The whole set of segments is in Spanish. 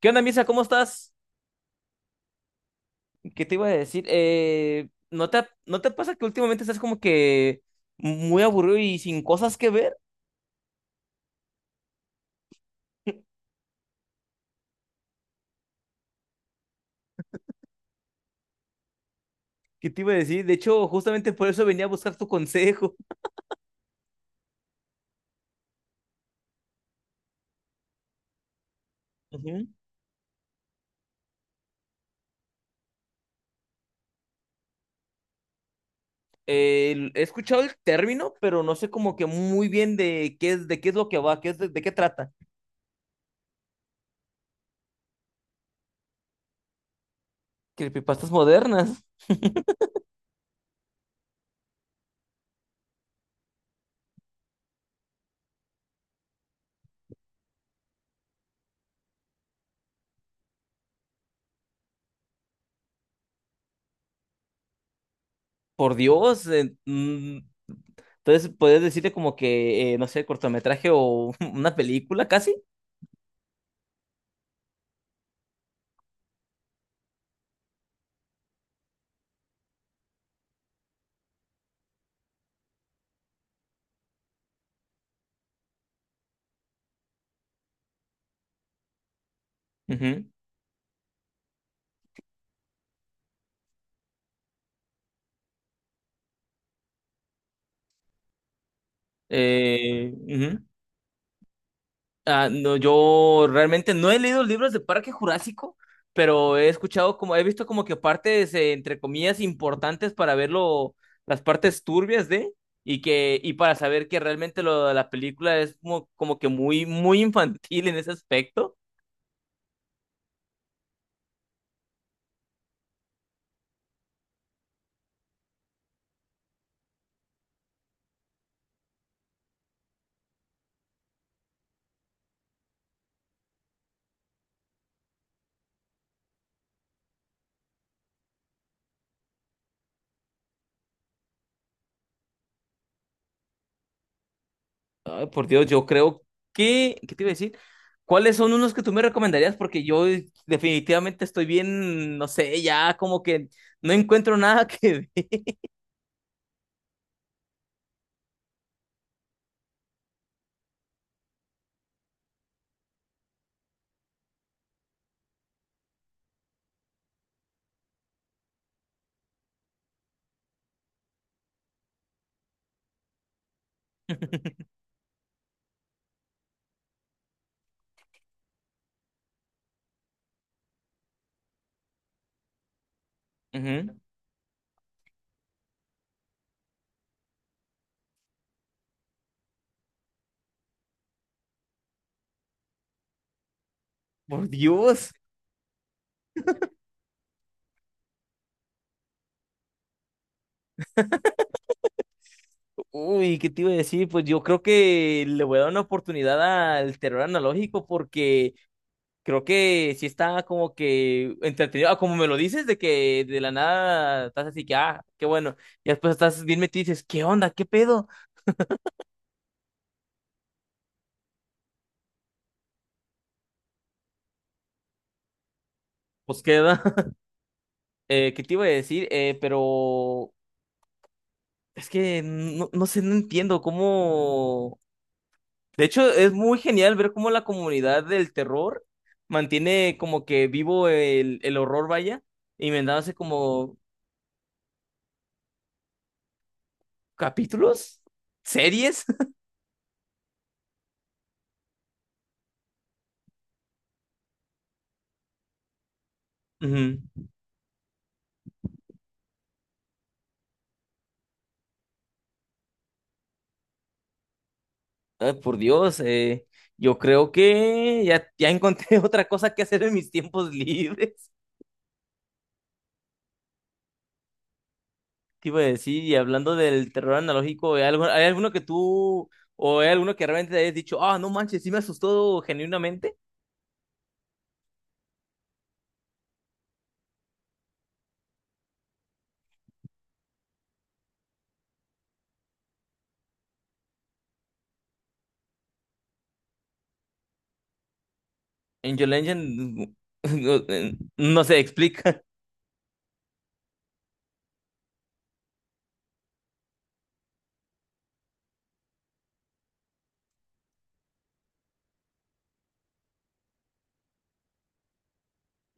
¿Qué onda, Misa? ¿Cómo estás? ¿Qué te iba a decir? ¿No te, no te pasa que últimamente estás como que muy aburrido y sin cosas que ver? ¿Qué te iba a decir? De hecho, justamente por eso venía a buscar tu consejo. Ujú. He escuchado el término, pero no sé como que muy bien de qué es lo que va, qué es, de qué trata. Creepypastas modernas, por Dios. Entonces, puedes decirte como que, no sé, cortometraje o una película casi. Ujú. Ujú. Ah, no, yo realmente no he leído libros de Parque Jurásico, pero he escuchado como, he visto como que partes, entre comillas, importantes para verlo, las partes turbias de, y que, y para saber que realmente lo de la película es como, como que muy, muy infantil en ese aspecto. Ay, por Dios, yo creo que, ¿qué te iba a decir? ¿Cuáles son unos que tú me recomendarías? Porque yo definitivamente estoy bien, no sé, ya como que no encuentro nada que ver. Ujú. Por Dios. Uy, ¿qué te iba a decir? Pues yo creo que le voy a dar una oportunidad al terror analógico porque creo que sí está como que entretenido. Ah, como me lo dices, de que de la nada estás así que, ah, qué bueno, y después estás bien metido y dices, ¿qué onda? ¿Qué pedo? Pues queda. ¿Qué te iba a decir? Pero es que no, no sé, no entiendo cómo... De hecho, es muy genial ver cómo la comunidad del terror mantiene como que vivo el horror, vaya inventándose como capítulos, series. Ujú. Ay, por Dios, yo creo que ya, ya encontré otra cosa que hacer en mis tiempos libres. ¿Qué iba a decir? Y hablando del terror analógico, ¿hay algo- hay alguno que tú o hay alguno que realmente te hayas dicho, ah, no manches, sí me asustó genuinamente? Angel Engine, no, no se explica.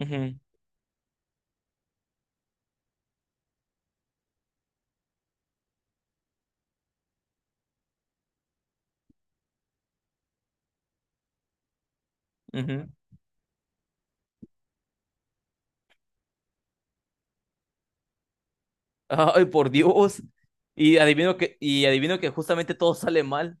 Ujú, ujú. Ay, por Dios. Y adivino que justamente todo sale mal.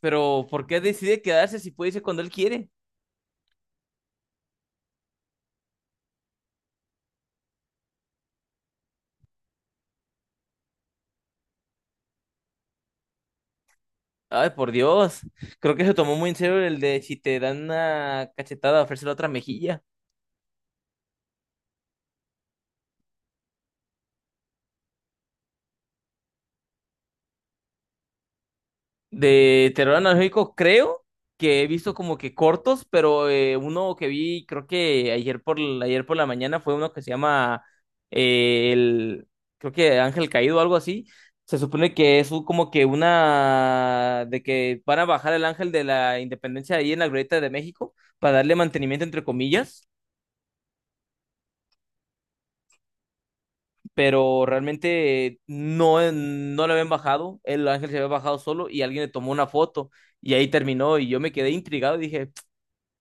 Pero, ¿por qué decide quedarse si puede irse cuando él quiere? Ay, por Dios. Creo que se tomó muy en serio el de si te dan una cachetada, ofrecer otra mejilla. De terror analógico, creo que he visto como que cortos, pero uno que vi, creo que ayer por la mañana fue uno que se llama eh, el, creo que Ángel Caído o algo así. Se supone que es como que una, de que van a bajar el ángel de la independencia ahí en la Glorieta de México para darle mantenimiento entre comillas. Pero realmente no, no le habían bajado, el ángel se había bajado solo y alguien le tomó una foto y ahí terminó y yo me quedé intrigado y dije,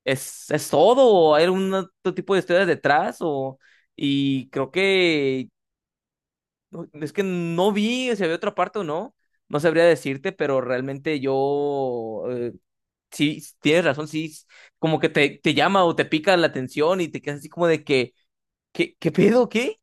es todo? ¿O ¿hay algún otro tipo de historias detrás? O, y creo que es que no vi si había otra parte o no, no sabría decirte, pero realmente yo... Sí, tienes razón, sí, como que te llama o te pica la atención y te quedas así como de que, ¿qué, qué pedo? ¿Qué?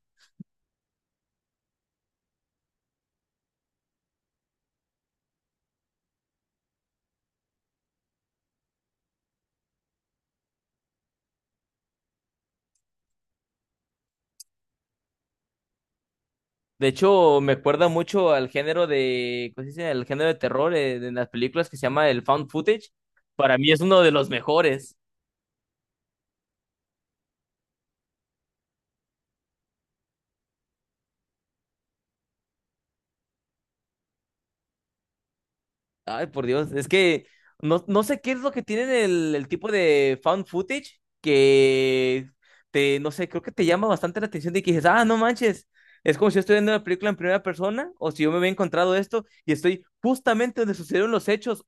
De hecho, me acuerda mucho al género de, ¿cómo se dice? El género de terror las películas que se llama el found footage. Para mí es uno de los mejores. Ay, por Dios, es que no, no sé qué es lo que tiene el tipo de found footage que te, no sé, creo que te llama bastante la atención de que dices, ah, no manches, es como si yo estoy viendo una película en primera persona o si yo me había encontrado esto y estoy justamente donde sucedieron los hechos.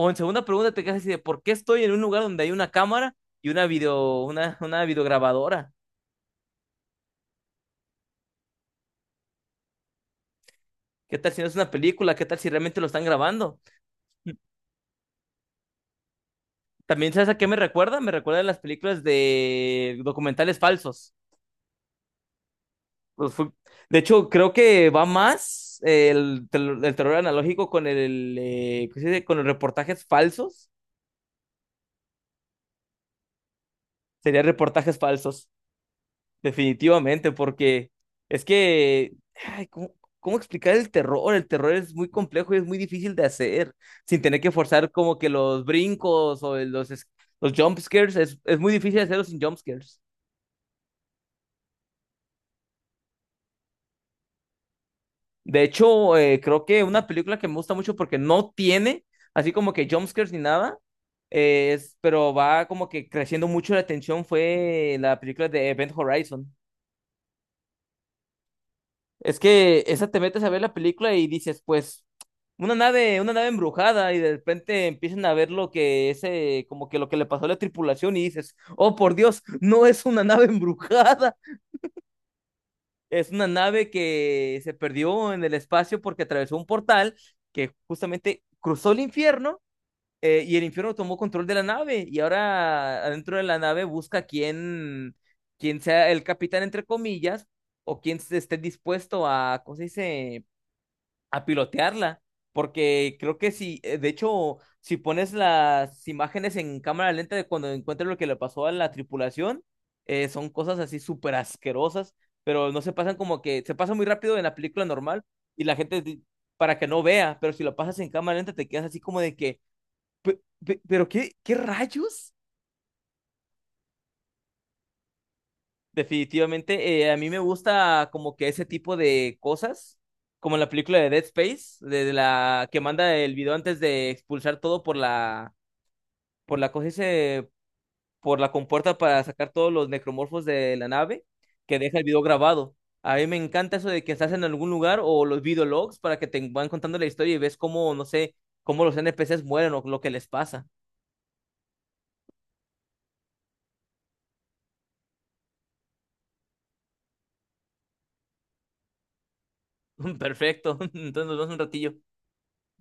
O en segunda pregunta te quedas así de ¿por qué estoy en un lugar donde hay una cámara y una video, una videograbadora? ¿Qué tal si no es una película? ¿Qué tal si realmente lo están grabando? También, ¿sabes a qué me recuerda? Me recuerda a las películas de documentales falsos. Pues fue- De hecho, creo que va más el terror analógico con el, ¿cómo se dice? Con los reportajes falsos. Serían reportajes falsos. Definitivamente, porque es que, ay, ¿cómo, cómo explicar el terror? El terror es muy complejo y es muy difícil de hacer, sin tener que forzar como que los brincos o los jump scares, es muy difícil hacerlos sin jump scares. De hecho, creo que una película que me gusta mucho porque no tiene así como que jump scares ni nada, pero va como que creciendo mucho la tensión fue la película de Event Horizon. Es que esa te metes a ver la película y dices, pues, una nave embrujada, y de repente empiezan a ver lo que ese, como que lo que le pasó a la tripulación, y dices, oh por Dios, no es una nave embrujada, es una nave que se perdió en el espacio porque atravesó un portal que justamente cruzó el infierno, y el infierno tomó control de la nave, y ahora adentro de la nave busca quién, quién sea el capitán, entre comillas, o quién se esté dispuesto a, ¿cómo se dice? A pilotearla, porque creo que si, de hecho, si pones las imágenes en cámara lenta de cuando encuentras lo que le pasó a la tripulación, son cosas así súper asquerosas, pero no se pasan como que, se pasa muy rápido en la película normal y la gente para que no vea, pero si lo pasas en cámara lenta te quedas así como de que, pero qué, qué rayos? Definitivamente, a mí me gusta como que ese tipo de cosas, como la película de Dead Space, de la que manda el video antes de expulsar todo por la, por la cosa ese- por la compuerta para sacar todos los necromorfos de la nave, que deja el video grabado. A mí me encanta eso de que estás en algún lugar o los videologs para que te van contando la historia y ves cómo, no sé, cómo los NPCs mueren o lo que les pasa. Perfecto. Entonces nos vemos un ratillo.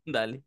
Dale.